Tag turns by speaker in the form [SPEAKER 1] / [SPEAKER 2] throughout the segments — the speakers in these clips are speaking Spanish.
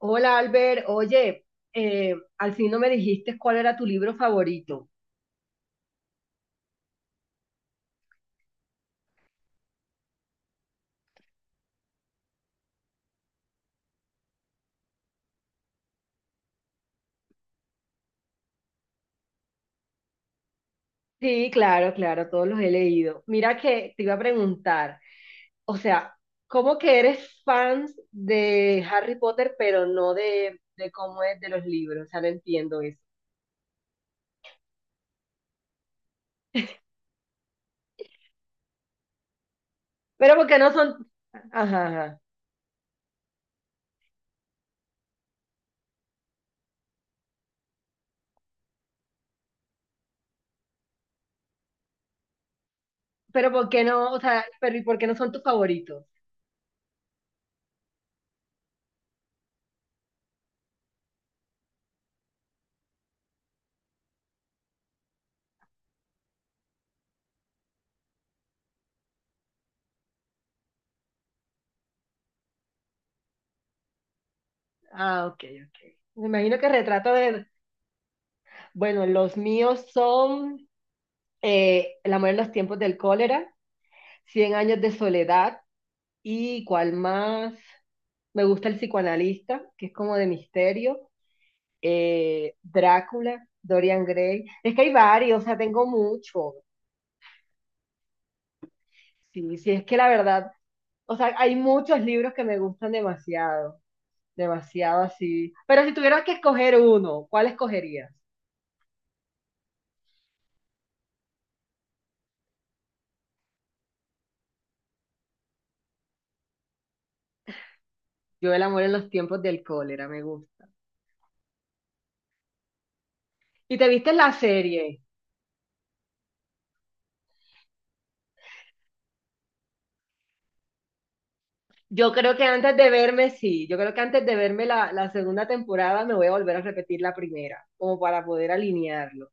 [SPEAKER 1] Hola Albert, oye, al fin no me dijiste cuál era tu libro favorito. Sí, claro, claro, todos los he leído. Mira que te iba a preguntar, o sea, ¿cómo que eres fan de Harry Potter, pero no de cómo es de los libros? O sea, no entiendo eso. Pero ¿por qué no son? Ajá, ajá. Pero ¿por qué no? O sea, pero ¿y por qué no son tus favoritos? Ah, ok, ok. Me imagino que retrato de... Bueno, los míos son El amor en los tiempos del cólera. Cien años de soledad y cuál más. Me gusta el psicoanalista, que es como de misterio. Drácula, Dorian Gray. Es que hay varios, o sea, tengo mucho. Sí, sí, es que la verdad, o sea, hay muchos libros que me gustan demasiado, demasiado así. Pero si tuvieras que escoger uno, ¿cuál escogerías? Yo El amor en los tiempos del cólera, me gusta. ¿Y te viste la serie? Yo creo que antes de verme, sí, yo creo que antes de verme la segunda temporada me voy a volver a repetir la primera, como para poder alinearlo.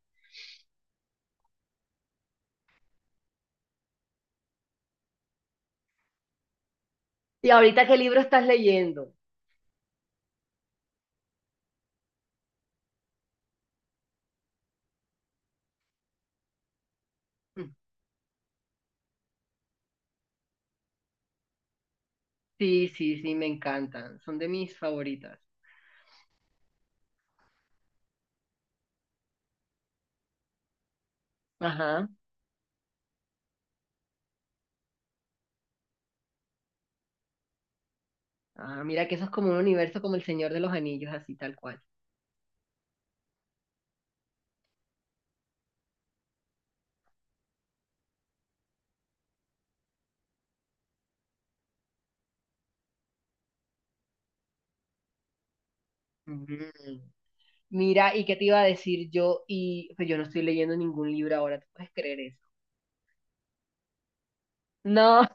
[SPEAKER 1] ¿Y ahorita qué libro estás leyendo? Mm. Sí, sí, sí, me encantan, son de mis favoritas. Ajá. Ah, mira que eso es como un universo como El Señor de los Anillos, así tal cual. Mm. Mira, ¿y qué te iba a decir yo? Y pues yo no estoy leyendo ningún libro ahora, ¿tú puedes creer eso? No.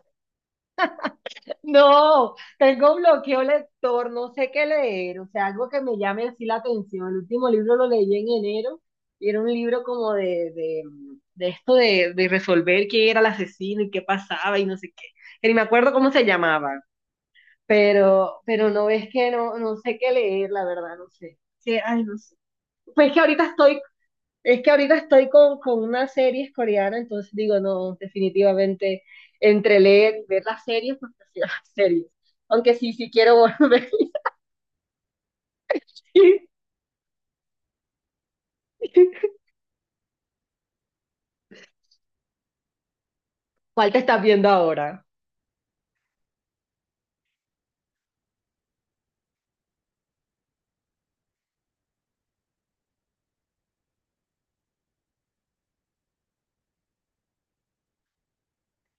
[SPEAKER 1] No, tengo bloqueo lector, no sé qué leer, o sea, algo que me llame así la atención. El último libro lo leí en enero y era un libro como de esto de resolver quién era el asesino y qué pasaba y no sé qué. Que ni me acuerdo cómo se llamaba, pero, no es que no, no sé qué leer, la verdad, no sé. Sí, ay, no sé. Pues que ahorita estoy Es que ahorita estoy con una serie coreana, entonces digo, no, definitivamente entre leer y ver las series, pues prefiero las series. Aunque sí, sí quiero volver. ¿Cuál te estás viendo ahora?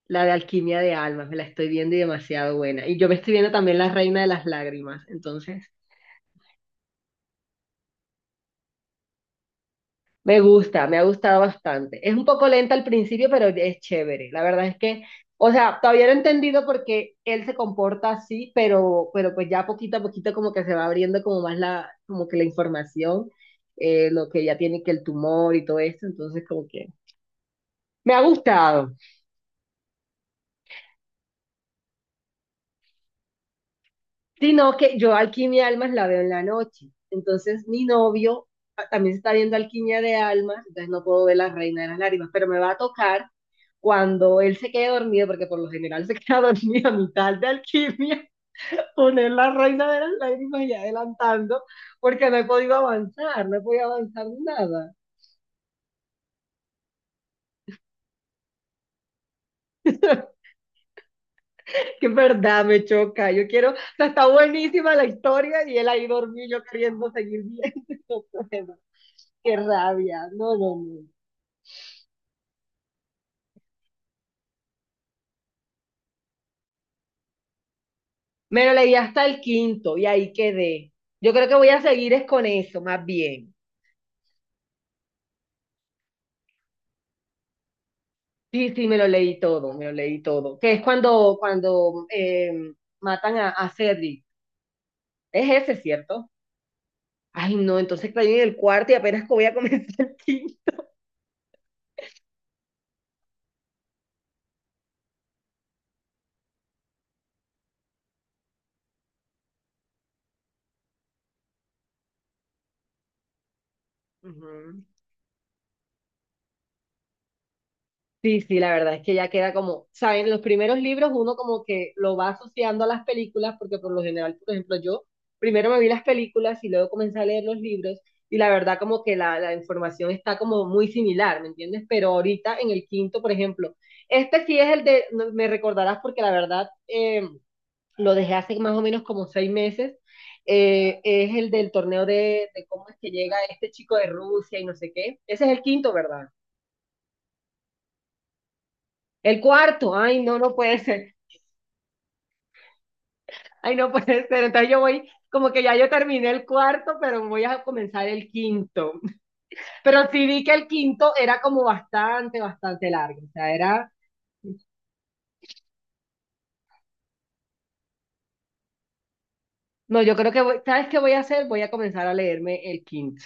[SPEAKER 1] La de Alquimia de Almas, me la estoy viendo y demasiado buena. Y yo me estoy viendo también La Reina de las Lágrimas, entonces me gusta, me ha gustado bastante. Es un poco lenta al principio, pero es chévere. La verdad es que, o sea, todavía no he entendido por qué él se comporta así, pero, pues ya poquito a poquito como que se va abriendo como más la, como que la información, lo que ya tiene que el tumor y todo esto, entonces como que me ha gustado. Sino que yo Alquimia de Almas la veo en la noche, entonces mi novio también se está viendo Alquimia de Almas, entonces no puedo ver La Reina de las Lágrimas, pero me va a tocar cuando él se quede dormido, porque por lo general se queda dormido a mitad de alquimia, poner la reina de las lágrimas y adelantando, porque no he podido avanzar, no he podido avanzar nada. Que en verdad me choca, yo quiero, o sea, está buenísima la historia y él ahí dormido, yo queriendo seguir viendo, no puedo. Qué rabia, no, no, no. Me lo leí hasta el quinto y ahí quedé. Yo creo que voy a seguir es con eso, más bien. Sí, sí, me lo leí todo, me lo leí todo. Que es cuando, cuando matan a Cedric. Es ese, ¿cierto? Ay, no, entonces caí en el cuarto y apenas voy a comenzar el quinto. Ujú. Sí, sí, la verdad es que ya queda como, saben, los primeros libros uno como que lo va asociando a las películas, porque por lo general, por ejemplo, yo primero me vi las películas y luego comencé a leer los libros y la verdad como que la información está como muy similar, ¿me entiendes? Pero ahorita en el quinto, por ejemplo, este sí es el de, me recordarás porque la verdad lo dejé hace más o menos como 6 meses, es el del torneo de cómo es que llega este chico de Rusia y no sé qué. Ese es el quinto, ¿verdad? El cuarto, ay, no, no puede ser. Ay, no puede ser. Entonces yo voy, como que ya yo terminé el cuarto, pero voy a comenzar el quinto. Pero sí vi que el quinto era como bastante, bastante largo. O sea, era, no, yo creo que, ¿sabes qué voy a hacer? Voy a comenzar a leerme el quinto.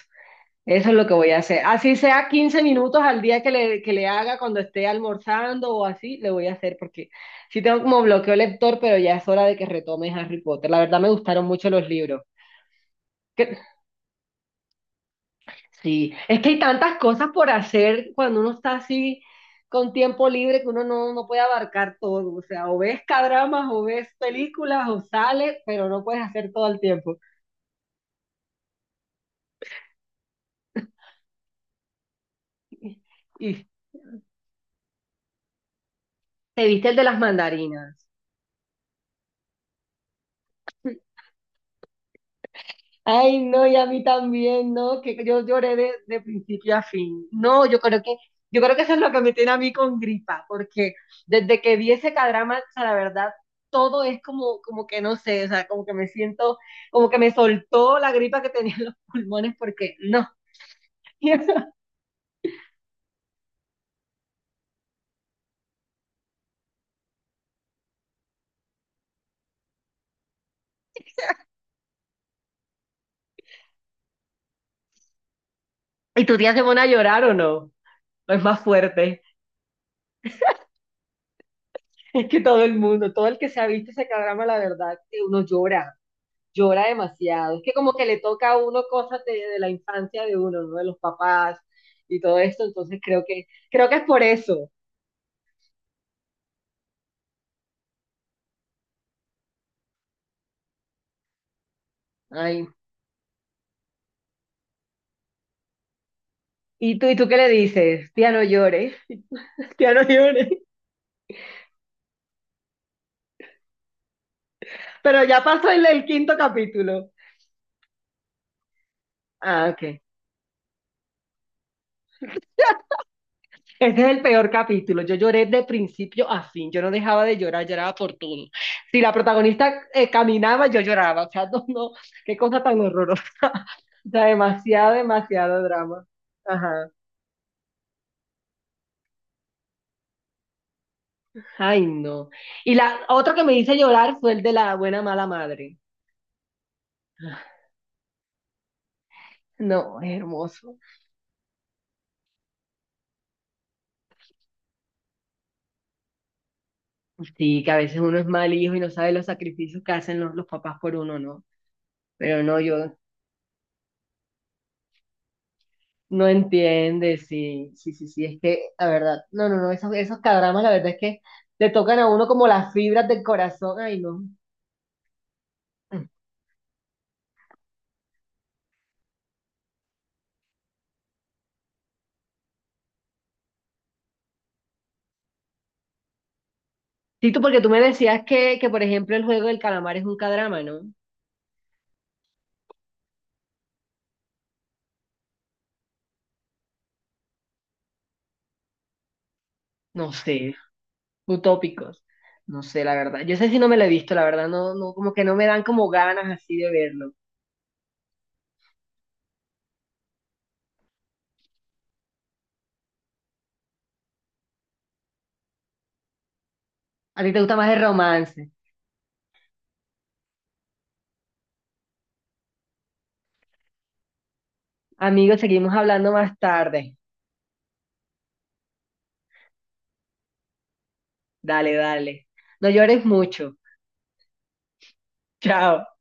[SPEAKER 1] Eso es lo que voy a hacer. Así sea 15 minutos al día que le haga cuando esté almorzando o así, le voy a hacer porque sí tengo como bloqueo lector, pero ya es hora de que retome Harry Potter. La verdad me gustaron mucho los libros. ¿Qué- Sí, es que hay tantas cosas por hacer cuando uno está así con tiempo libre que uno no, no puede abarcar todo. O sea, o ves cadramas, o ves películas, o sales, pero no puedes hacer todo al tiempo. Y te viste el de las mandarinas. Ay, no, y a mí también, ¿no? Que yo lloré de principio a fin. No, yo creo que eso es lo que me tiene a mí con gripa, porque desde que vi ese cadrama, o sea, la verdad, todo es como, como que no sé, o sea, como que me siento, como que me soltó la gripa que tenía en los pulmones, porque no. ¿Y tu tía se pone a llorar o no? No es más fuerte. Es que todo el mundo, todo el que se ha visto ese cadrama, la verdad, que uno llora. Llora demasiado. Es que como que le toca a uno cosas de la infancia de uno, ¿no? De los papás y todo esto, entonces creo que es por eso. Ay. Y tú qué le dices? Tía no llores, tía no llores. Pero ya pasó el quinto capítulo. Ah, ok. Ese es el peor capítulo. Yo lloré de principio a fin. Yo no dejaba de llorar, lloraba por todo. Si la protagonista caminaba, yo lloraba. O sea, no, no, qué cosa tan horrorosa. O sea, demasiado, demasiado drama. Ajá. Ay, no. Y la otro que me hizo llorar fue el de la buena mala madre. No, es hermoso. Sí, que a veces uno es mal hijo y no sabe los sacrificios que hacen los papás por uno, ¿no? Pero no, yo no entiende, sí, sí, sí, sí, es que, la verdad, no, no, no, esos, esos cadramas, la verdad es que le tocan a uno como las fibras del corazón, ay, no. Sí, tú, porque tú me decías que, por ejemplo, el juego del calamar es un cadrama, ¿no? No sé, utópicos. No sé, la verdad. Yo sé si no me lo he visto, la verdad. No, no, como que no me dan como ganas así de verlo. A ti te gusta más el romance. Amigos, seguimos hablando más tarde. Dale, dale. No llores mucho. Chao.